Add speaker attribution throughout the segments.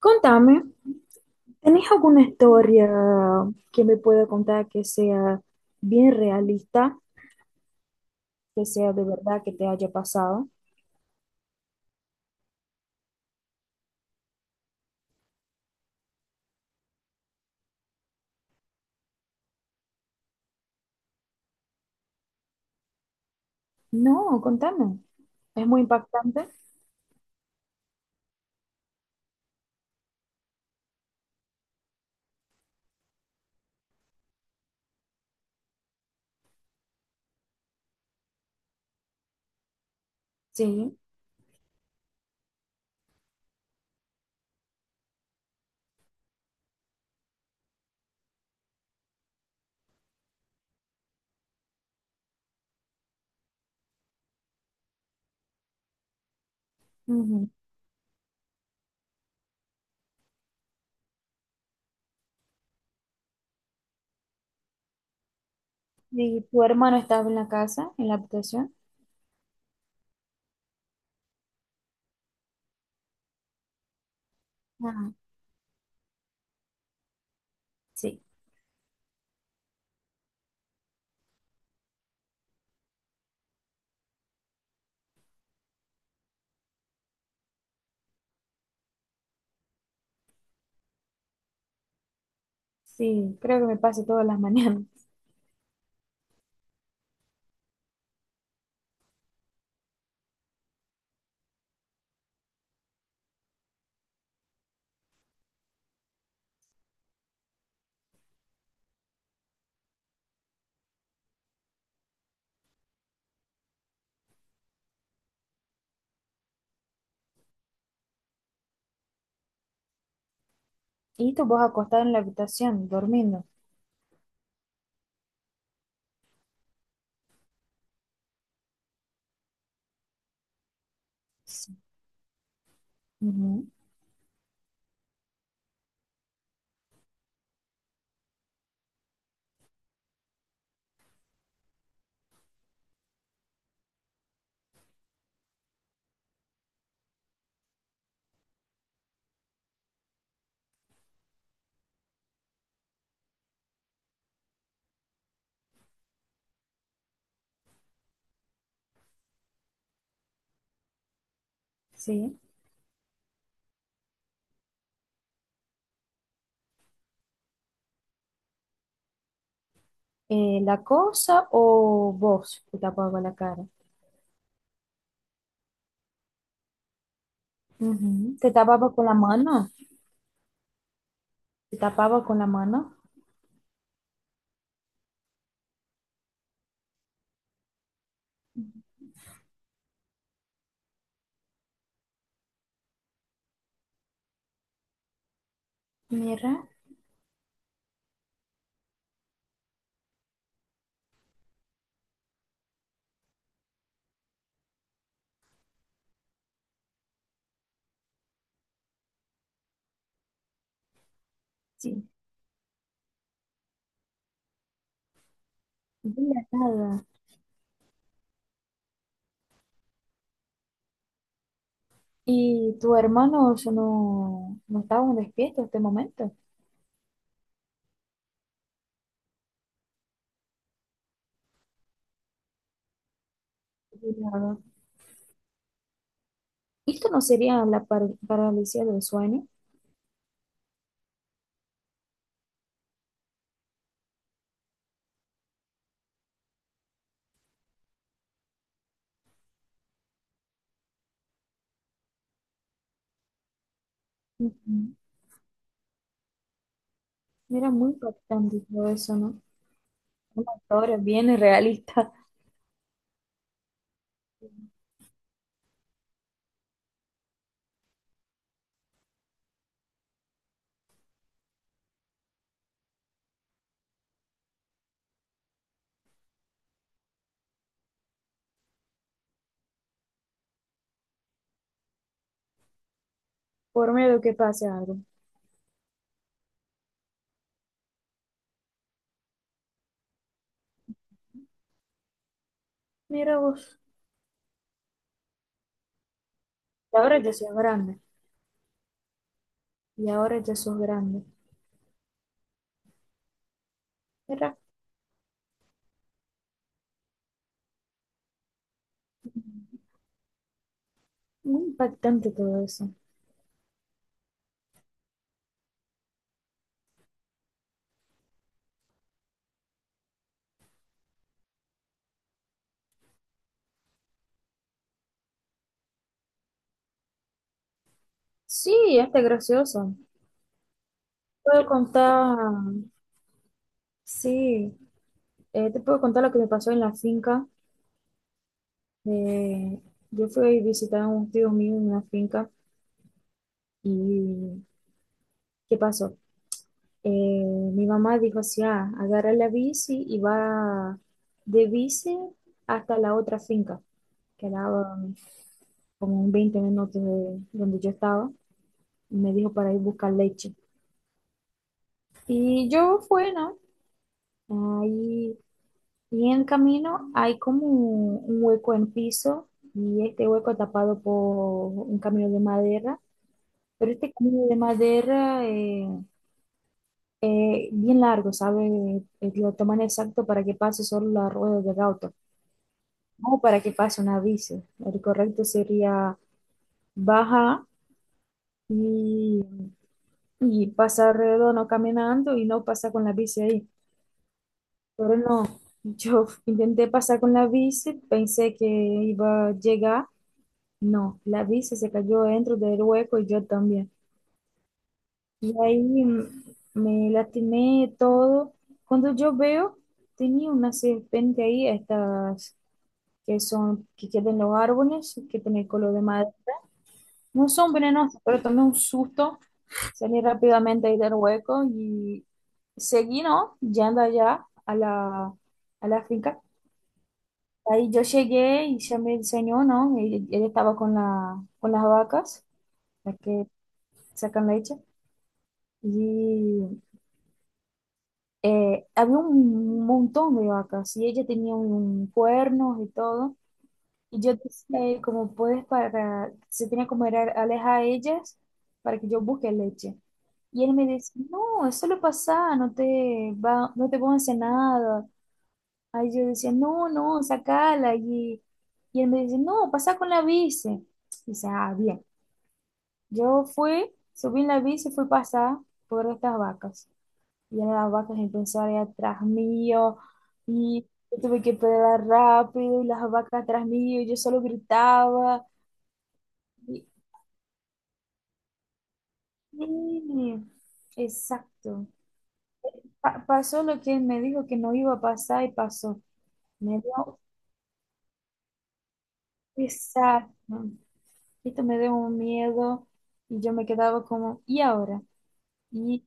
Speaker 1: Contame, ¿tenés alguna historia que me pueda contar que sea bien realista, que sea de verdad que te haya pasado? No, contame. Es muy impactante. Sí, ujú. ¿Y tu hermano estaba en la casa, en la habitación? Ah, sí. Sí, creo que me pasa todas las mañanas. Y tú vos acostado en la habitación, durmiendo. Sí, ujú, sí. ¿La cosa o vos te tapabas la cara? Ujú. ¿Te tapabas con la mano? Se tapaba con la mano. Mira, sí, de la nada. ¿Y tu hermano eso no, no estaba despierto en este momento? De nada. Esto no sería la parálisis del sueño. Ujú. Era muy impactante todo eso, ¿no? Una historia bien realista, por miedo que pase algo. Mira vos, y ahora ya soy grande, y ahora ya sos grande. Era muy impactante todo eso. Sí, hasta gracioso. Puedo contar, sí. Te puedo contar lo que me pasó en la finca. Eh, yo fui a visitar a un tío mío en una finca y ¿qué pasó? Eh, mi mamá dijo así, ah, agarra la bici y va de bici hasta la otra finca, que era como un 20 minutos de donde yo estaba, y me dijo para ir a buscar leche. Y yo fui, ¿no? Ahí, y en el camino hay como un hueco en piso y este hueco tapado por un camino de madera. Pero este camino de madera bien largo, ¿sabes? Lo toman exacto para que pase solo la rueda del auto, no para que pase una bici. El correcto sería bajar y, y pasar redondo caminando y no pasar con la bici ahí. Pero no, yo intenté pasar con la bici, pensé que iba a llegar. No, la bici se cayó dentro del hueco y yo también. Y ahí me lastimé todo. Cuando yo veo, tenía una serpiente ahí, estas que son, que quedan en los árboles, que tienen color de madera. No son venenosas, pero tomé un susto, salí rápidamente ahí del hueco y seguí, ¿no? Yendo allá a la finca. Ahí yo llegué y ya me enseñó, ¿no? Él estaba con la, con las vacas, las que sacan leche. Y había un montón de vacas y ella tenía un cuernos y todo. Y yo decía, como puedes para, se tenía como era alejar a ellas para que yo busque leche. Y él me decía, no, eso lo pasa, no te va, no te van a hacer nada. Ahí yo decía, no, no, sacala. Y él me dice, no, pasa con la bici. Dice, ah, bien. Yo fui, subí en la bici y fui pasar por estas vacas. Viene la vaca impulsora atrás mío y yo tuve que pedalar rápido y las vacas atrás mío y yo solo gritaba. Y, y- exacto. Pasó lo que él me dijo que no iba a pasar y pasó. Me dio pesar, ¿no? Esto me dio un miedo y yo me quedaba como, ¿y ahora? Y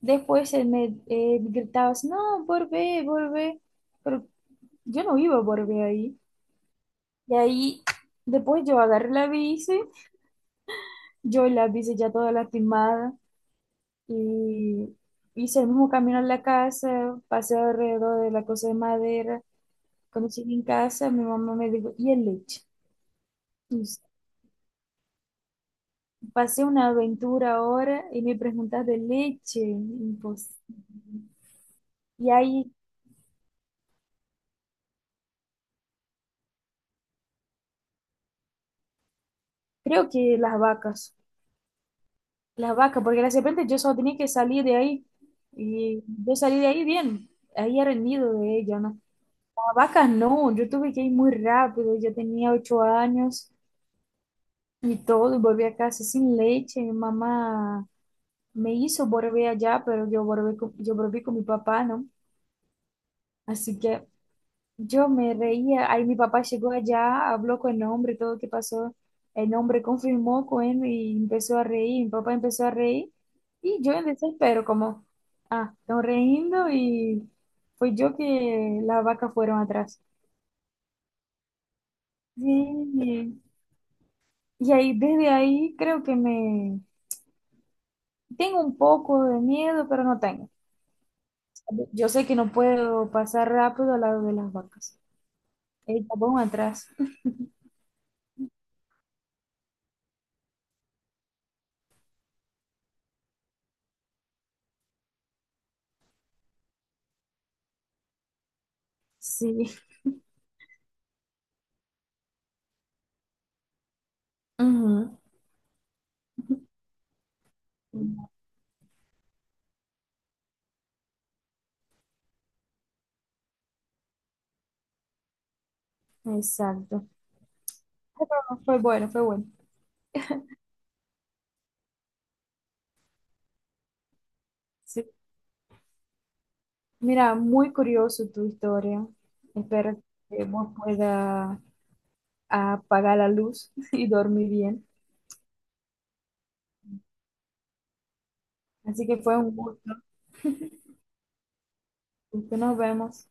Speaker 1: después él me gritaba, así, no, volvé, volvé. Pero yo no iba a volver ahí. Y ahí, después yo agarré la bici, yo la bici ya toda lastimada y hice el mismo camino a la casa, pasé alrededor de la cosa de madera. Cuando llegué en casa, mi mamá me dijo, ¿y el leche? Y pasé una aventura ahora y me preguntas de leche, imposible. Y ahí, creo que las vacas, porque de repente yo solo tenía que salir de ahí y yo salí de ahí bien, ahí era el nido de ella, ¿no? A vacas no, yo tuve que ir muy rápido, yo tenía 8 años y todo, y volví a casa sin leche. Mi mamá me hizo volver allá, pero yo volví con mi papá, ¿no? Así que yo me reía, ahí mi papá llegó allá, habló con el hombre, todo lo que pasó, el hombre confirmó con él y empezó a reír, mi papá empezó a reír y yo en desespero, como, ah, están riendo y fue yo que las vacas fueron atrás. Sí, sí. Y ahí, desde ahí creo que me tengo un poco de miedo, pero no tengo. Yo sé que no puedo pasar rápido al lado de las vacas. El tapón atrás. Sí. Ujú. Exacto. Pero fue bueno, fue bueno. Sí. Mira, muy curioso tu historia. Espero que vos puedas apagar la luz y dormir bien. Así que fue un gusto. Nos vemos.